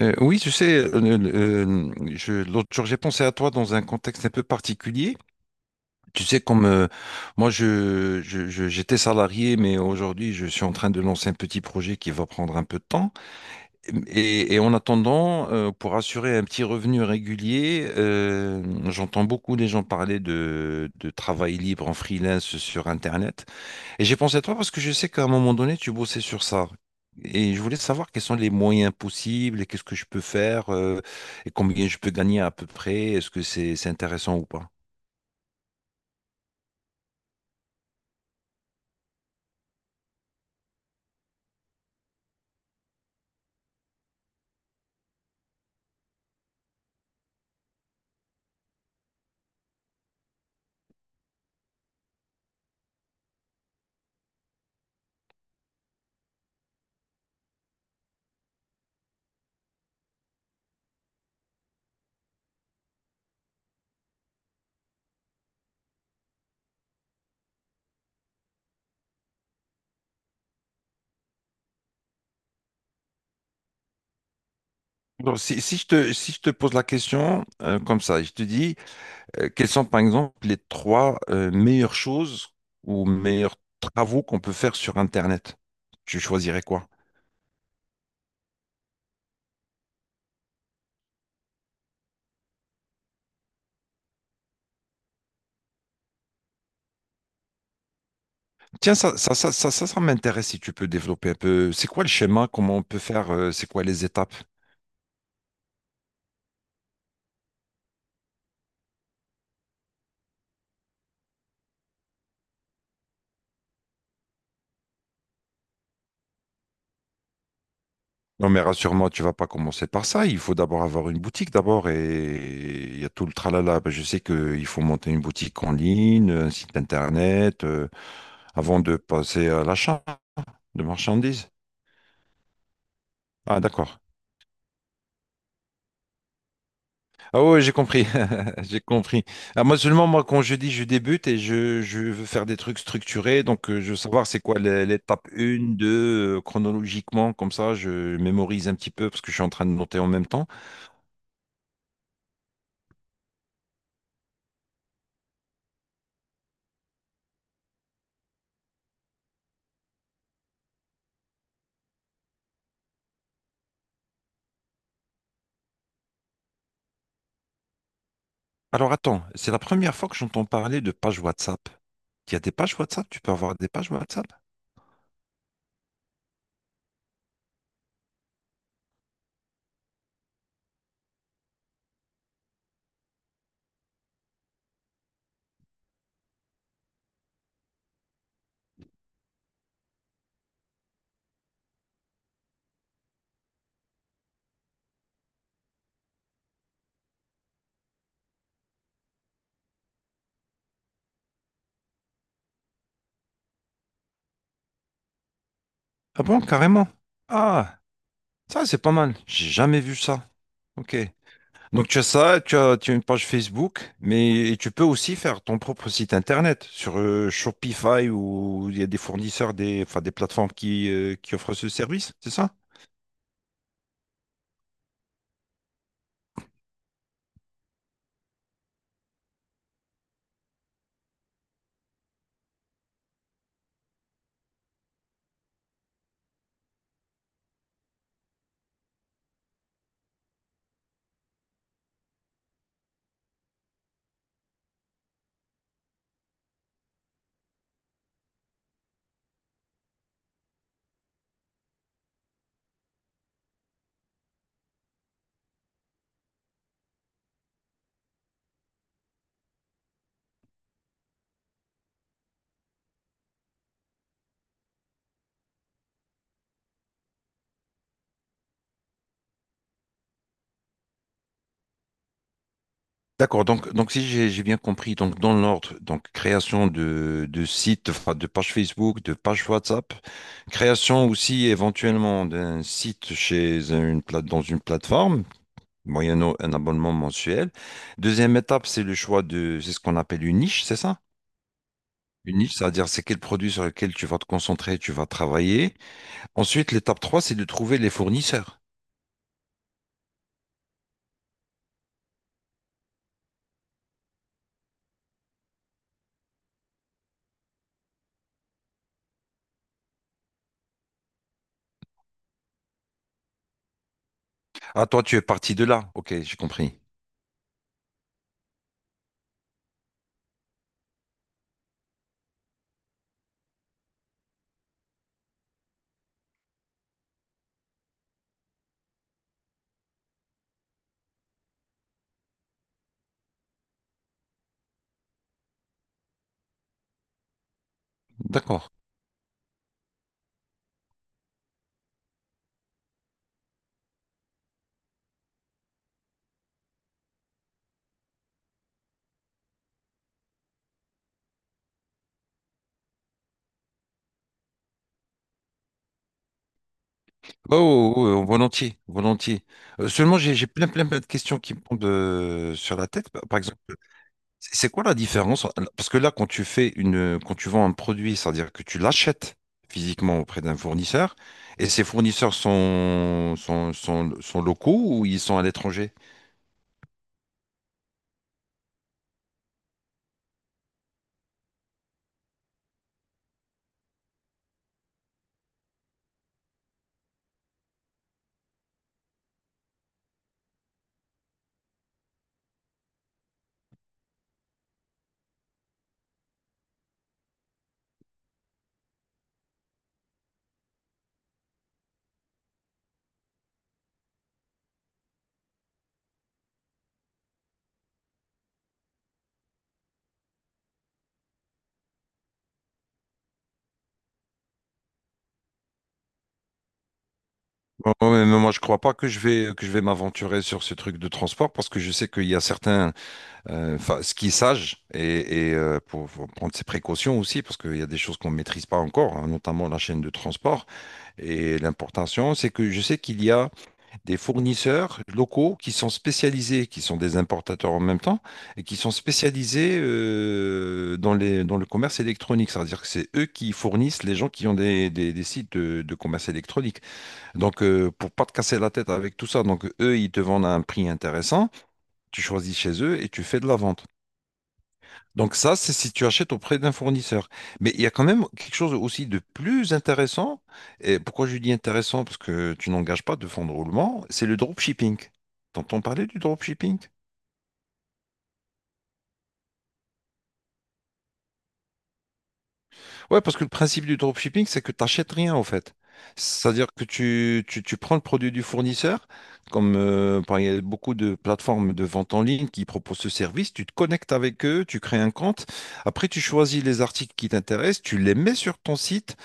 Oui, tu sais, je, l'autre jour, j'ai pensé à toi dans un contexte un peu particulier. Tu sais, comme moi, j'étais salarié, mais aujourd'hui, je suis en train de lancer un petit projet qui va prendre un peu de temps. Et en attendant, pour assurer un petit revenu régulier, j'entends beaucoup les gens parler de travail libre en freelance sur Internet. Et j'ai pensé à toi parce que je sais qu'à un moment donné, tu bossais sur ça. Et je voulais savoir quels sont les moyens possibles et qu'est-ce que je peux faire et combien je peux gagner à peu près. Est-ce que c'est intéressant ou pas? Donc, si je te pose la question comme ça, je te dis quelles sont par exemple les trois meilleures choses ou meilleurs travaux qu'on peut faire sur Internet. Tu choisirais quoi? Tiens, ça m'intéresse si tu peux développer un peu. C'est quoi le schéma? Comment on peut faire? C'est quoi les étapes? Non, mais rassure-moi, tu vas pas commencer par ça. Il faut d'abord avoir une boutique d'abord et il y a tout le tralala. Ben, je sais qu'il faut monter une boutique en ligne, un site internet, avant de passer à l'achat de marchandises. Ah, d'accord. Ah oui, j'ai compris. J'ai compris. Ah, moi seulement, moi, quand je dis je débute et je veux faire des trucs structurés, donc je veux savoir c'est quoi l'étape 1, 2, chronologiquement, comme ça, je mémorise un petit peu parce que je suis en train de noter en même temps. Alors attends, c'est la première fois que j'entends parler de page WhatsApp. Il y a des pages WhatsApp? Tu peux avoir des pages WhatsApp? Ah bon, carrément. Ah, ça c'est pas mal. J'ai jamais vu ça. Ok. Donc tu as ça, tu as une page Facebook, mais et tu peux aussi faire ton propre site internet sur Shopify ou il y a des fournisseurs, des, enfin, des plateformes qui offrent ce service, c'est ça? D'accord, donc si j'ai bien compris, donc dans l'ordre, donc création de sites, enfin, de page Facebook, de page WhatsApp, création aussi éventuellement d'un site chez une plate, dans une plateforme, moyennant un abonnement mensuel. Deuxième étape, c'est le choix de, c'est ce qu'on appelle une niche, c'est ça? Une niche, c'est-à-dire c'est quel produit sur lequel tu vas te concentrer, tu vas travailler. Ensuite, l'étape 3, c'est de trouver les fournisseurs. Ah, toi, tu es parti de là. Ok, j'ai compris. D'accord. Oh, oh, volontiers, volontiers. Seulement, j'ai plein de questions qui me tombent sur la tête. Par exemple, c'est quoi la différence? Parce que là, quand tu vends un produit, c'est-à-dire que tu l'achètes physiquement auprès d'un fournisseur, et ces fournisseurs sont locaux ou ils sont à l'étranger? Oh, oh, mais moi, je crois pas que je vais que je vais m'aventurer sur ce truc de transport parce que je sais qu'il y a certains, enfin, ce qui est sage pour prendre ses précautions aussi parce qu'il y a des choses qu'on maîtrise pas encore, hein, notamment la chaîne de transport et l'importation. C'est que je sais qu'il y a des fournisseurs locaux qui sont spécialisés, qui sont des importateurs en même temps et qui sont spécialisés dans les dans le commerce électronique. C'est-à-dire que c'est eux qui fournissent les gens qui ont des, des sites de commerce électronique. Donc, pour pas te casser la tête avec tout ça, donc eux, ils te vendent à un prix intéressant, tu choisis chez eux et tu fais de la vente. Donc ça, c'est si tu achètes auprès d'un fournisseur. Mais il y a quand même quelque chose aussi de plus intéressant. Et pourquoi je dis intéressant? Parce que tu n'engages pas de fonds de roulement, c'est le dropshipping. T'entends parler du dropshipping? Ouais, parce que le principe du dropshipping, c'est que tu n'achètes rien en fait. C'est-à-dire que tu prends le produit du fournisseur, comme il y a beaucoup de plateformes de vente en ligne qui proposent ce service, tu te connectes avec eux, tu crées un compte, après tu choisis les articles qui t'intéressent, tu les mets sur ton site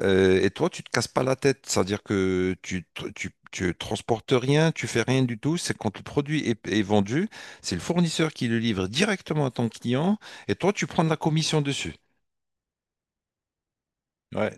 et toi tu te casses pas la tête. C'est-à-dire que tu transportes rien, tu fais rien du tout. C'est quand le produit est vendu, c'est le fournisseur qui le livre directement à ton client et toi tu prends de la commission dessus. Ouais.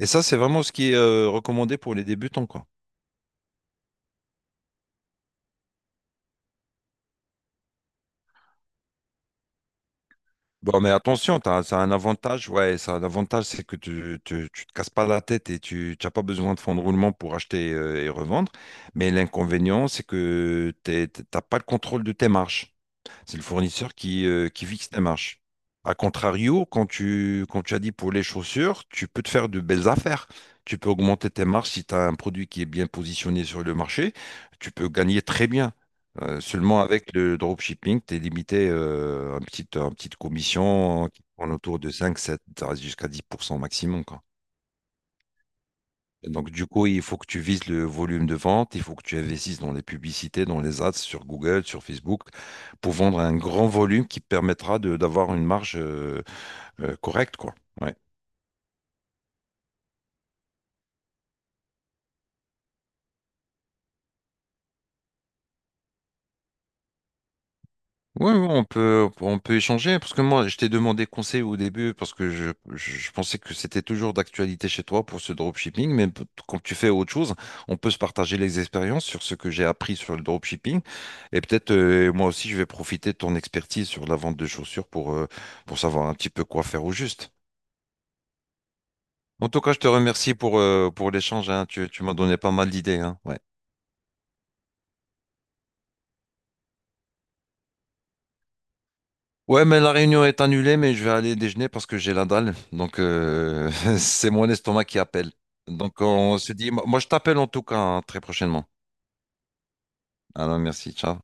Et ça, c'est vraiment ce qui est recommandé pour les débutants, quoi. Bon, mais attention, ça a un avantage, ouais, ça a un avantage, c'est que tu te casses pas la tête et tu n'as pas besoin de fonds de roulement pour acheter et revendre. Mais l'inconvénient, c'est que t'as pas le contrôle de tes marges. C'est le fournisseur qui fixe la marge. A contrario, quand tu as dit pour les chaussures, tu peux te faire de belles affaires. Tu peux augmenter tes marges si tu as un produit qui est bien positionné sur le marché. Tu peux gagner très bien. Seulement avec le dropshipping, tu es limité à à une petite commission qui tourne autour de 5, 7, jusqu'à 10% maximum, quoi. Donc, du coup, il faut que tu vises le volume de vente, il faut que tu investisses dans les publicités, dans les ads sur Google, sur Facebook, pour vendre un grand volume qui te permettra d'avoir une marge correcte, quoi. Ouais. Ouais, ouais, on peut échanger, parce que moi, je t'ai demandé conseil au début, parce que je pensais que c'était toujours d'actualité chez toi pour ce dropshipping, quand tu fais autre chose, on peut se partager les expériences sur ce que j'ai appris sur le dropshipping, et peut-être moi aussi, je vais profiter de ton expertise sur la vente de chaussures pour savoir un petit peu quoi faire au juste. En tout cas, je te remercie pour l'échange, hein. Tu m'as donné pas mal d'idées, hein. Ouais. Ouais, mais la réunion est annulée, mais je vais aller déjeuner parce que j'ai la dalle. Donc, c'est mon estomac qui appelle. Donc, on se dit, moi, je t'appelle en tout cas hein, très prochainement. Alors, merci, ciao.